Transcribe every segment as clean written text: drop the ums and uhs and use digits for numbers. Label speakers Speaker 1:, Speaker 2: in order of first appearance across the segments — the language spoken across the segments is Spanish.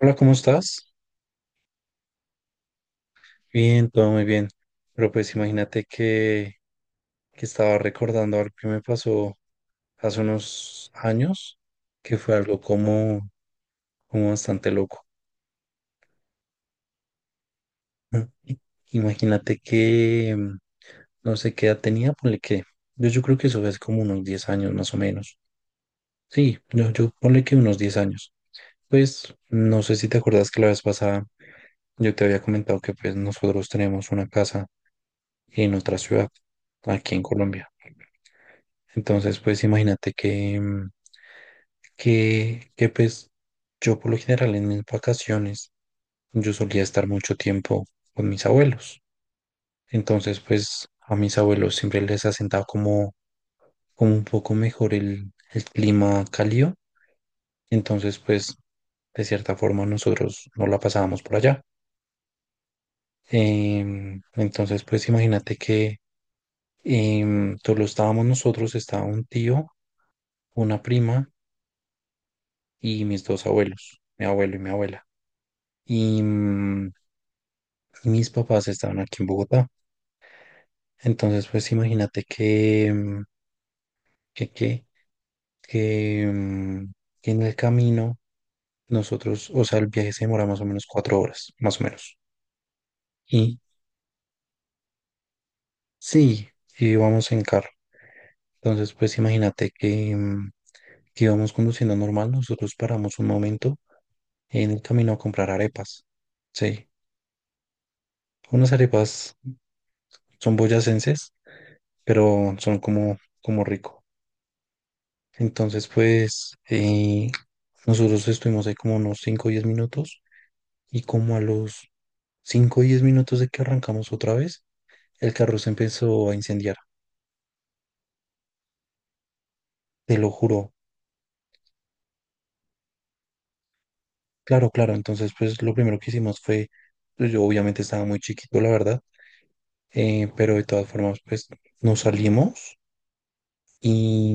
Speaker 1: Hola, ¿cómo estás? Bien, todo muy bien. Pero pues imagínate que estaba recordando algo que me pasó hace unos años, que fue algo como, como bastante loco. Imagínate que no sé qué edad tenía, ponle que. Yo creo que eso es como unos 10 años más o menos. Sí, yo ponle que unos 10 años. Pues no sé si te acuerdas que la vez pasada yo te había comentado que pues nosotros tenemos una casa en otra ciudad, aquí en Colombia. Entonces, pues imagínate que pues yo por lo general en mis vacaciones yo solía estar mucho tiempo con mis abuelos. Entonces, pues a mis abuelos siempre les ha sentado como, como un poco mejor el clima cálido. Entonces, pues de cierta forma nosotros no la pasábamos por allá. Entonces, pues imagínate que solo estábamos nosotros, estaba un tío, una prima y mis dos abuelos, mi abuelo y mi abuela. Y, y mis papás estaban aquí en Bogotá. Entonces, pues imagínate que, que, que, mm, que en el camino nosotros, o sea, el viaje se demora más o menos 4 horas, más o menos. Y sí, y íbamos en carro. Entonces, pues imagínate que íbamos conduciendo normal, nosotros paramos un momento en el camino a comprar arepas. Sí, unas arepas son boyacenses, pero son como, como rico. Entonces, pues, nosotros estuvimos ahí como unos 5 o 10 minutos y como a los 5 o 10 minutos de que arrancamos otra vez, el carro se empezó a incendiar, te lo juro. Claro, claro, entonces, pues, lo primero que hicimos fue, pues, yo obviamente estaba muy chiquito, la verdad, pero de todas formas, pues, nos salimos y,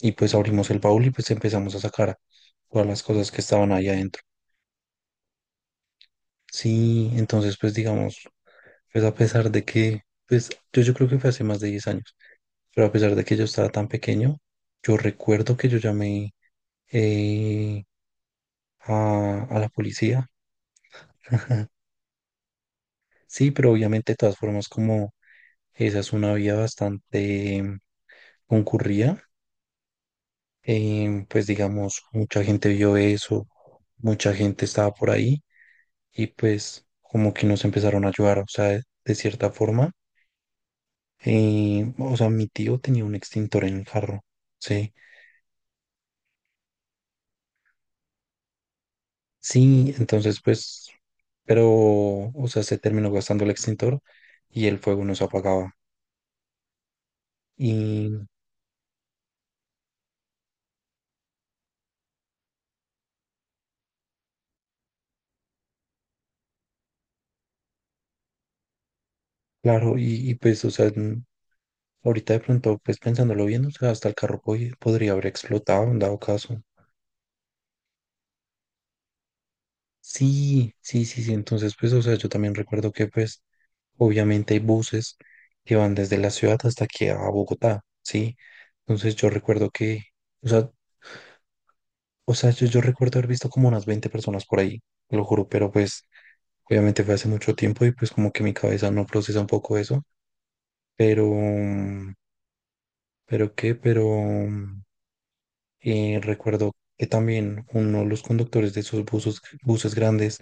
Speaker 1: y pues abrimos el baúl y pues empezamos a sacar todas las cosas que estaban ahí adentro. Sí, entonces pues digamos, pues a pesar de que, pues yo creo que fue hace más de 10 años, pero a pesar de que yo estaba tan pequeño, yo recuerdo que yo llamé eh, a la policía. Sí, pero obviamente de todas formas como esa es una vía bastante concurrida, pues digamos, mucha gente vio eso, mucha gente estaba por ahí y pues como que nos empezaron a ayudar, o sea, de cierta forma. O sea, mi tío tenía un extintor en el carro, ¿sí? Sí, entonces pues, pero, o sea, se terminó gastando el extintor y el fuego no se apagaba. Y claro, pues, o sea, ahorita de pronto, pues pensándolo bien, o sea, hasta el carro podría haber explotado en dado caso. Sí, sí, sí, sí, entonces pues, o sea, yo también recuerdo que pues, obviamente hay buses que van desde la ciudad hasta aquí a Bogotá, ¿sí? Entonces yo recuerdo que... O sea, o sea, yo recuerdo haber visto como unas 20 personas por ahí, lo juro, pero pues obviamente fue hace mucho tiempo y pues como que mi cabeza no procesa un poco eso, pero, pero qué, pero mm, recuerdo que también uno de los conductores de esos buses, buses grandes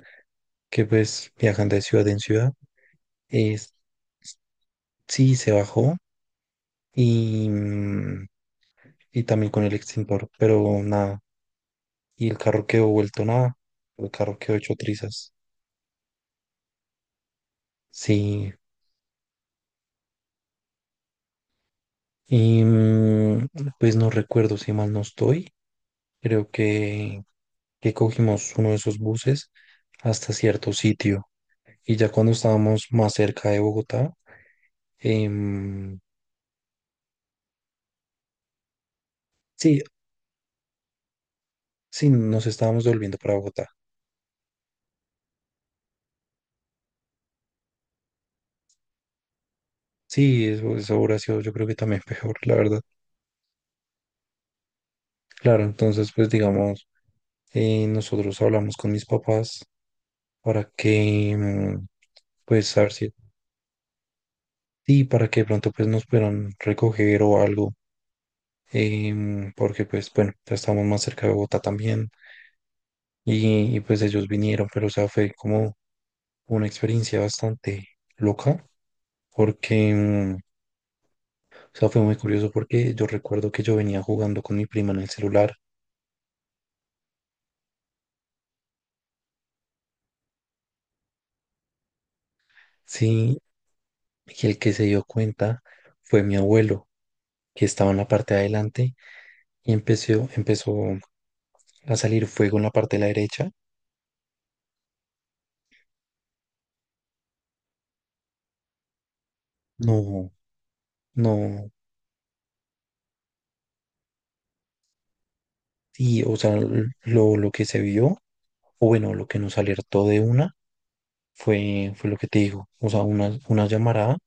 Speaker 1: que pues viajan de ciudad en ciudad, es, sí se bajó y, y también con el extintor, pero nada, y el carro quedó vuelto nada, el carro quedó hecho trizas, sí. Y pues no recuerdo si mal no estoy. Creo que cogimos uno de esos buses hasta cierto sitio. Y ya cuando estábamos más cerca de Bogotá, em, sí, sí, nos estábamos volviendo para Bogotá. Sí, eso hubiera sido yo creo que también peor, la verdad. Claro, entonces pues digamos, nosotros hablamos con mis papás para pues, a ver si, sí, para que de pronto pues nos puedan recoger o algo, porque pues bueno, ya estamos más cerca de Bogotá también y, pues ellos vinieron, pero o sea, fue como una experiencia bastante loca porque, o sea, fue muy curioso porque yo recuerdo que yo venía jugando con mi prima en el celular, sí, y el que se dio cuenta fue mi abuelo, que estaba en la parte de adelante y empezó a salir fuego en la parte de la derecha. No, no. Y, o sea, lo que se vio, o bueno, lo que nos alertó de una, fue lo que te digo. O sea, una llamarada,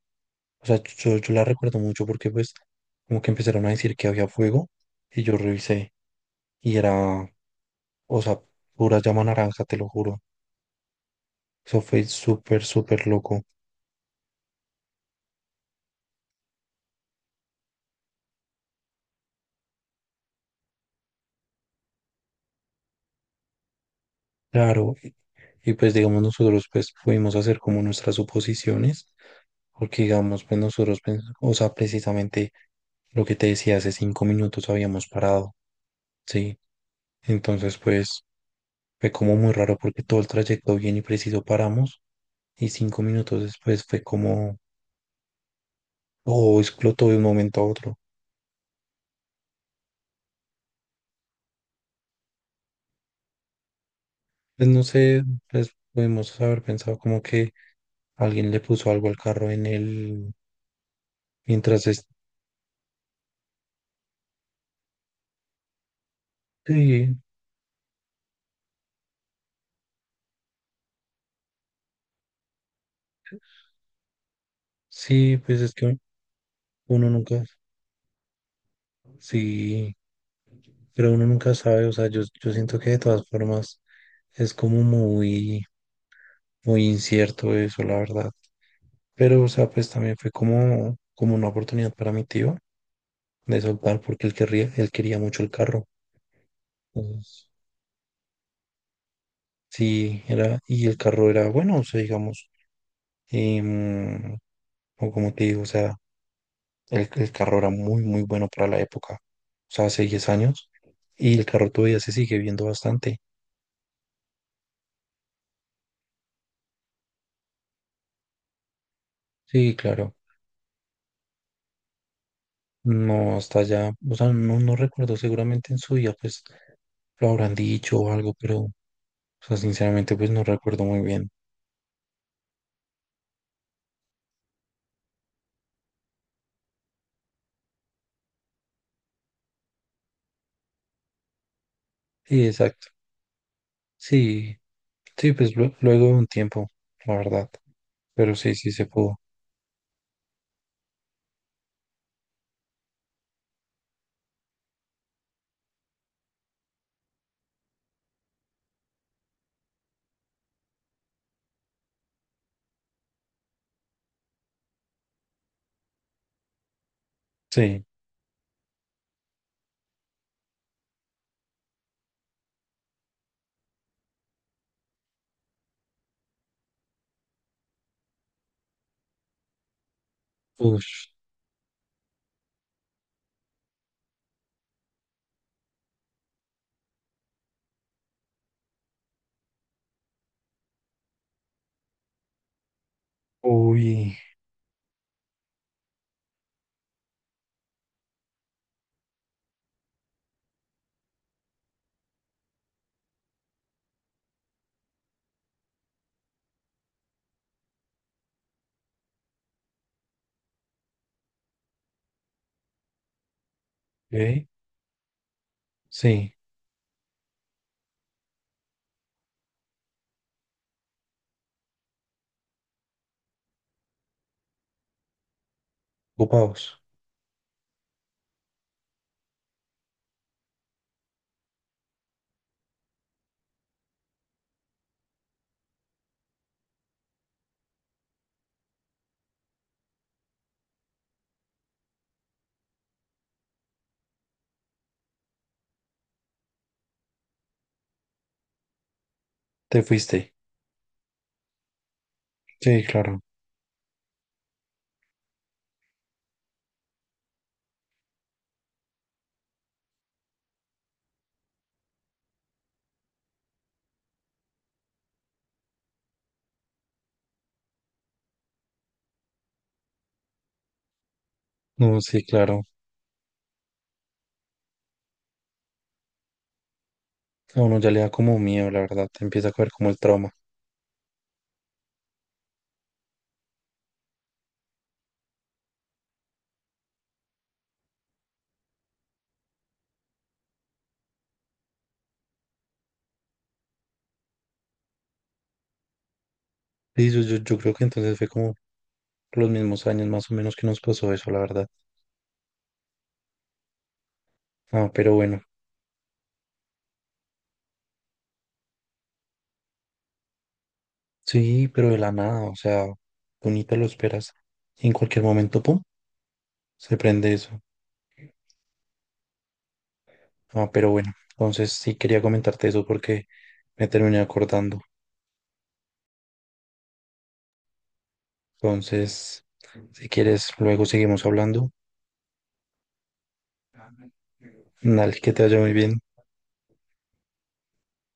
Speaker 1: o sea, yo la recuerdo mucho porque pues como que empezaron a decir que había fuego y yo revisé y era, o sea, pura llama naranja, te lo juro. Eso fue súper, súper loco. Claro, y, pues digamos nosotros pues pudimos hacer como nuestras suposiciones, porque digamos pues nosotros, o sea, precisamente lo que te decía, hace 5 minutos habíamos parado. Sí, entonces pues fue como muy raro porque todo el trayecto bien y preciso paramos y 5 minutos después fue como, oh, explotó de un momento a otro. Pues no sé, pues podemos haber pensado como que alguien le puso algo al carro en el, mientras es... Sí, sí, pues es que uno nunca, sí, pero uno nunca sabe, o sea, yo siento que de todas formas es como muy, muy incierto eso, la verdad. Pero, o sea, pues también fue como, como una oportunidad para mi tío de soltar porque él querría, él quería mucho el carro. Entonces, sí, era, y el carro era bueno, o sea, digamos, em, o como te digo, o sea, el carro era muy, muy bueno para la época, o sea, hace 10 años, y el carro todavía se sigue viendo bastante. Sí, claro, no, hasta allá, o sea, no, no recuerdo, seguramente en su día, pues, lo habrán dicho o algo, pero, o sea, sinceramente, pues no recuerdo muy bien. Sí, exacto. Sí, sí, pues luego de un tiempo, la verdad. Pero sí, sí se pudo. Sí. Ush. Uy, ¿eh? Sí, ocupados. Te fuiste. Sí, claro. No, sí, claro. A uno ya le da como miedo, la verdad. Te empieza a coger como el trauma. Sí, yo creo que entonces fue como los mismos años más o menos que nos pasó eso, la verdad. Ah, pero bueno. Sí, pero de la nada, o sea, tú ni te lo esperas. Y en cualquier momento, pum, se prende eso. Ah, pero bueno, entonces sí quería comentarte eso porque me terminé acordando. Entonces, si quieres, luego seguimos hablando. Dale, que te vaya muy bien.